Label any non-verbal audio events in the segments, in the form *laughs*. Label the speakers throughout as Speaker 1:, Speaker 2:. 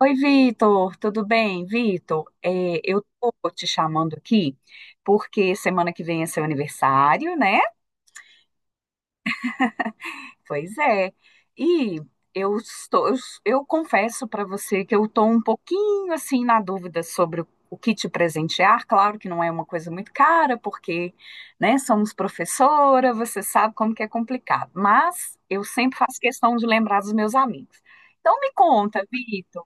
Speaker 1: Oi, Vitor, tudo bem? Vitor, eu tô te chamando aqui porque semana que vem é seu aniversário, né? Pois é. E eu estou, eu, eu confesso para você que eu tô um pouquinho assim na dúvida sobre o que te presentear. Claro que não é uma coisa muito cara, porque, né, somos professora, você sabe como que é complicado. Mas eu sempre faço questão de lembrar dos meus amigos. Então me conta, Vitor.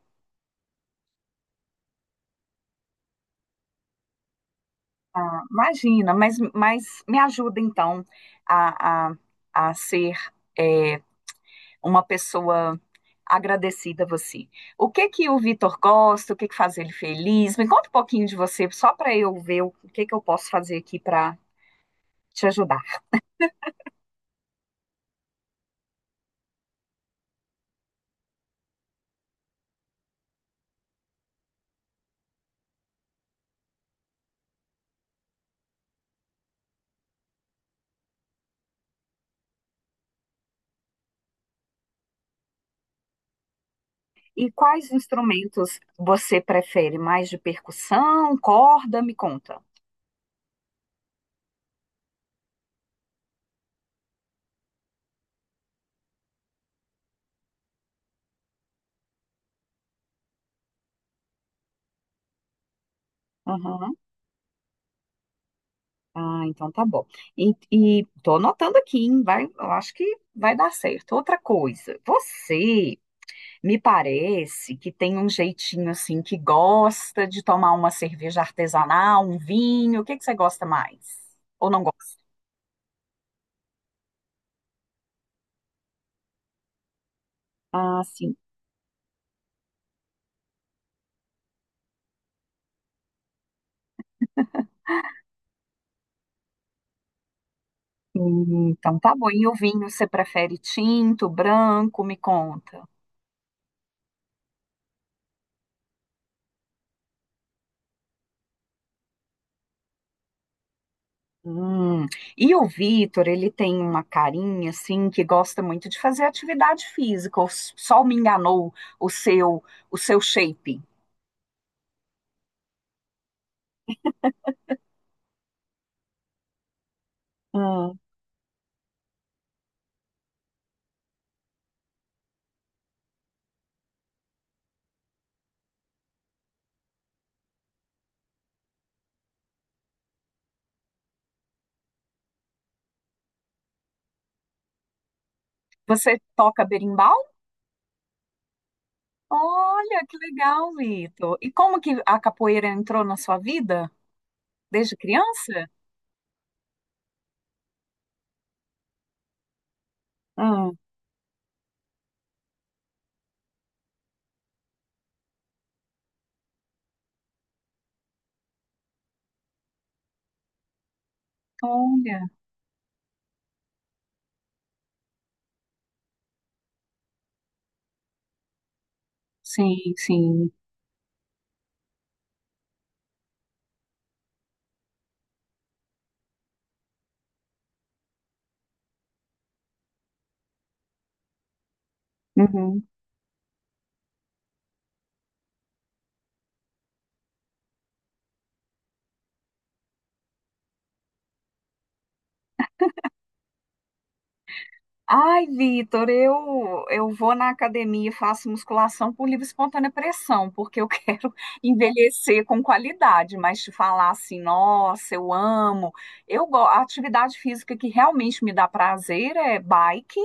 Speaker 1: Imagina, mas me ajuda então a, a, a ser é, uma pessoa agradecida a você. O que que o Vitor gosta? O que que faz ele feliz? Me conta um pouquinho de você, só para eu ver o que que eu posso fazer aqui para te ajudar. E quais instrumentos você prefere? Mais de percussão, corda? Me conta. Aham. Ah, então tá bom. E tô anotando aqui, hein? Vai, eu acho que vai dar certo. Outra coisa, você me parece que tem um jeitinho assim que gosta de tomar uma cerveja artesanal, um vinho. O que que você gosta mais? Ou não gosta? Ah, sim. Então tá bom. E o vinho, você prefere tinto, branco? Me conta. Hum. E o Vitor, ele tem uma carinha assim que gosta muito de fazer atividade física. Ou só me enganou o seu o seu shape. Hum. Você toca berimbau? Olha, que legal, Vitor. E como que a capoeira entrou na sua vida? Desde criança? Ah, olha, sim, sim. Uhum. Ai, Vitor, eu vou na academia e faço musculação por livre e espontânea pressão, porque eu *laughs* quero envelhecer com qualidade, mas te falar assim, nossa, eu amo. A atividade física que realmente me dá prazer é bike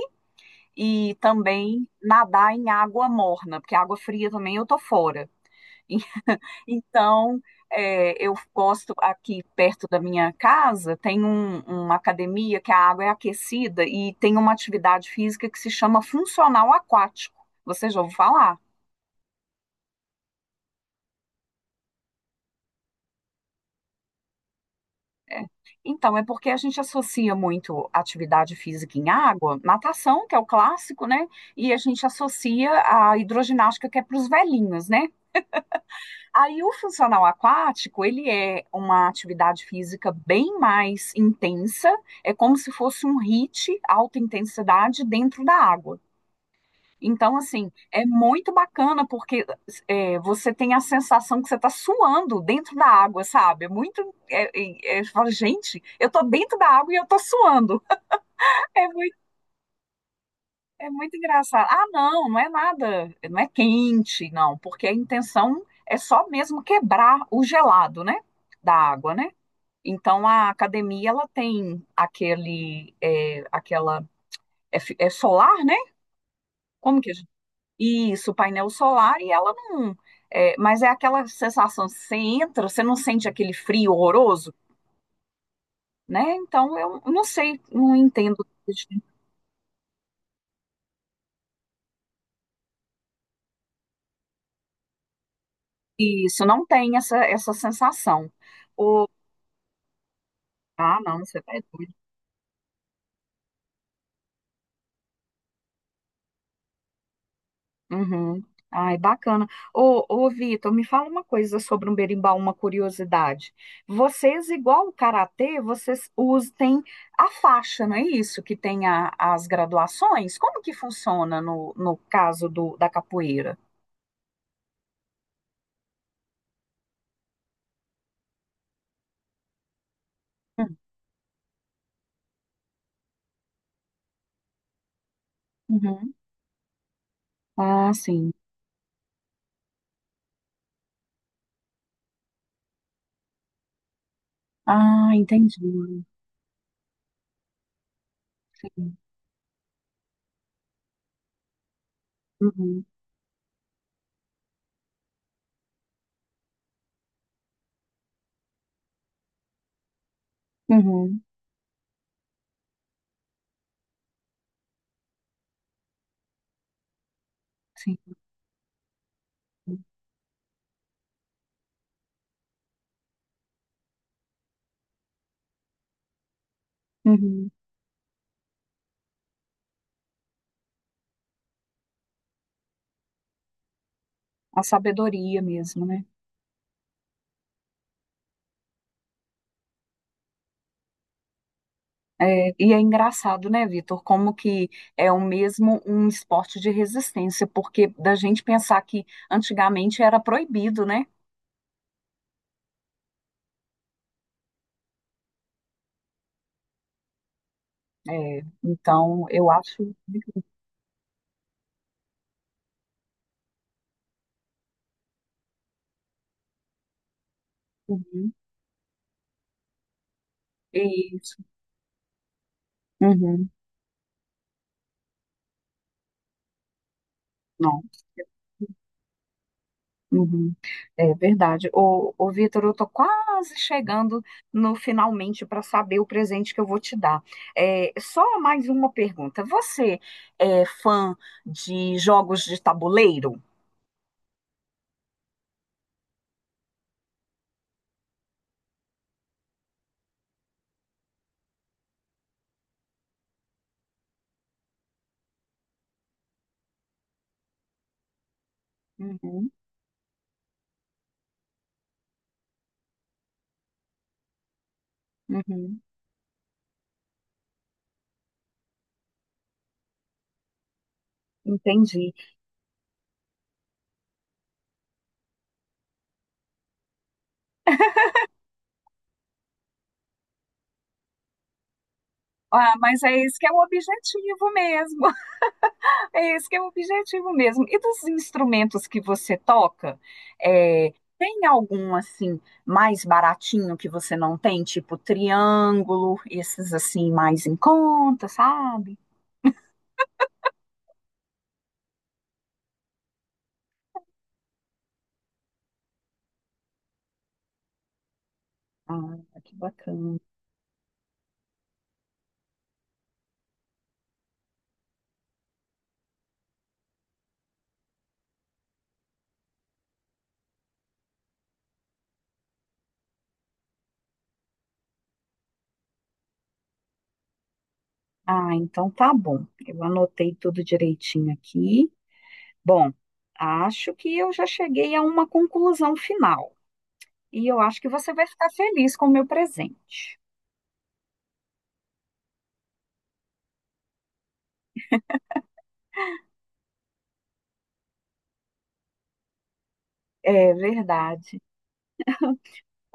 Speaker 1: e também nadar em água morna, porque água fria também eu tô fora. *laughs* Então, eu gosto aqui perto da minha casa, tem uma academia que a água é aquecida e tem uma atividade física que se chama funcional aquático. Você já ouviu falar? É. Então, é porque a gente associa muito atividade física em água, natação, que é o clássico, né? E a gente associa a hidroginástica, que é para os velhinhos, né? Aí o funcional aquático, ele é uma atividade física bem mais intensa, é como se fosse um HIIT, alta intensidade, dentro da água. Então, assim, é muito bacana porque você tem a sensação que você está suando dentro da água, sabe? É muito. É, você fala, gente, eu estou dentro da água e eu estou suando. *laughs* É muito É muito engraçado. Ah, não, não é nada, não é quente, não, porque a intenção é só mesmo quebrar o gelado, né, da água, né? Então a academia ela tem aquela é solar, né? Como que a gente... Isso, painel solar e ela não, mas é aquela sensação, você entra, você não sente aquele frio horroroso, né? Então eu não sei, não entendo isso, não tem essa sensação. O... Ah, não, você tá uhum. Ai, bacana. Ô, ô, Vitor, me fala uma coisa sobre um berimbau, uma curiosidade. Vocês, igual o karatê, vocês usam, tem a faixa, não é isso? Que tem as graduações? Como que funciona no caso da capoeira? Hum. Uhum. Ah, sim. Ah, entendi. Uhum. Uhum. Sim. Uhum. A sabedoria mesmo, né? É, e é engraçado, né, Vitor, como que é o mesmo um esporte de resistência, porque da gente pensar que antigamente era proibido, né? É, então, eu acho. Uhum, isso. Uhum, não. Uhum, é verdade. Ô, ô Vitor, eu tô quase chegando no finalmente para saber o presente que eu vou te dar. É, só mais uma pergunta. Você é fã de jogos de tabuleiro? Uhum, uhum. Entendi. Ah, mas é esse que é o objetivo mesmo. *laughs* É esse que é o objetivo mesmo. E dos instrumentos que você toca, é, tem algum assim mais baratinho que você não tem, tipo triângulo, esses assim mais em conta, sabe? Ah, que bacana. Ah, então tá bom. Eu anotei tudo direitinho aqui. Bom, acho que eu já cheguei a uma conclusão final. E eu acho que você vai ficar feliz com o meu presente. É verdade.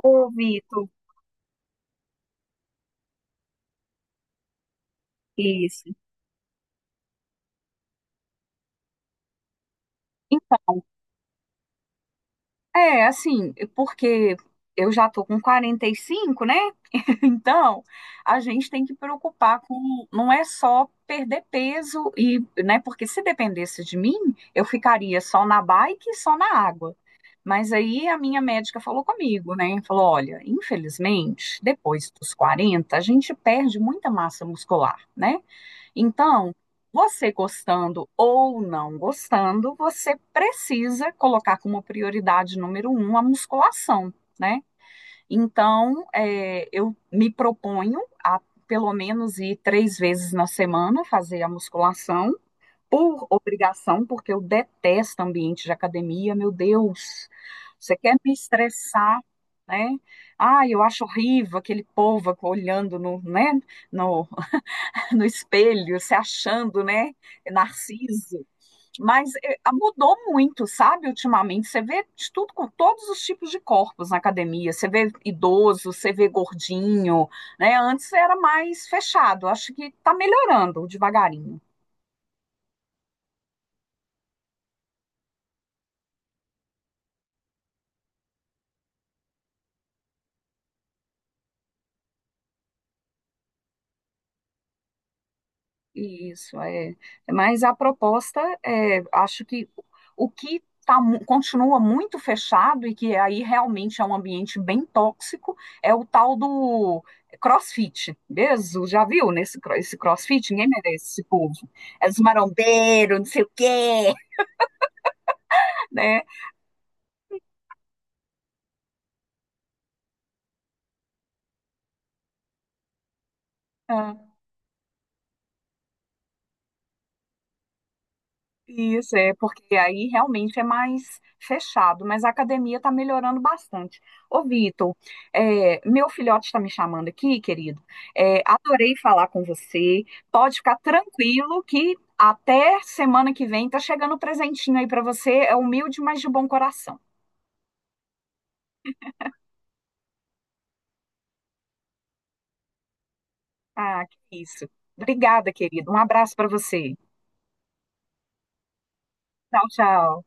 Speaker 1: Ô, Vitor, isso. Então, é assim, porque eu já tô com 45, né? *laughs* Então, a gente tem que preocupar com, não é só perder peso e, né, porque se dependesse de mim, eu ficaria só na bike e só na água. Mas aí a minha médica falou comigo, né? Falou: olha, infelizmente, depois dos 40 a gente perde muita massa muscular, né? Então, você gostando ou não gostando, você precisa colocar como prioridade número um a musculação, né? Então, eu me proponho a pelo menos ir três vezes na semana fazer a musculação, por obrigação, porque eu detesto ambiente de academia, meu Deus, você quer me estressar, né? Ah, eu acho horrível aquele povo olhando né, no, no espelho, se achando, né, narciso. Mas mudou muito, sabe, ultimamente. Você vê de tudo com todos os tipos de corpos na academia. Você vê idoso, você vê gordinho, né? Antes era mais fechado. Acho que está melhorando devagarinho. Isso, é. Mas a proposta, acho que o que continua muito fechado e que aí realmente é um ambiente bem tóxico é o tal do CrossFit. Mesmo, já viu esse CrossFit? Ninguém merece esse povo. É os marombeiros, não sei o quê, *laughs* né? Ah. Isso, é porque aí realmente é mais fechado, mas a academia está melhorando bastante. Ô, Vitor, meu filhote está me chamando aqui, querido. É, adorei falar com você. Pode ficar tranquilo que até semana que vem tá chegando um presentinho aí para você. É humilde, mas de bom coração. Ah, que isso. Obrigada, querido. Um abraço para você. Tchau, tchau.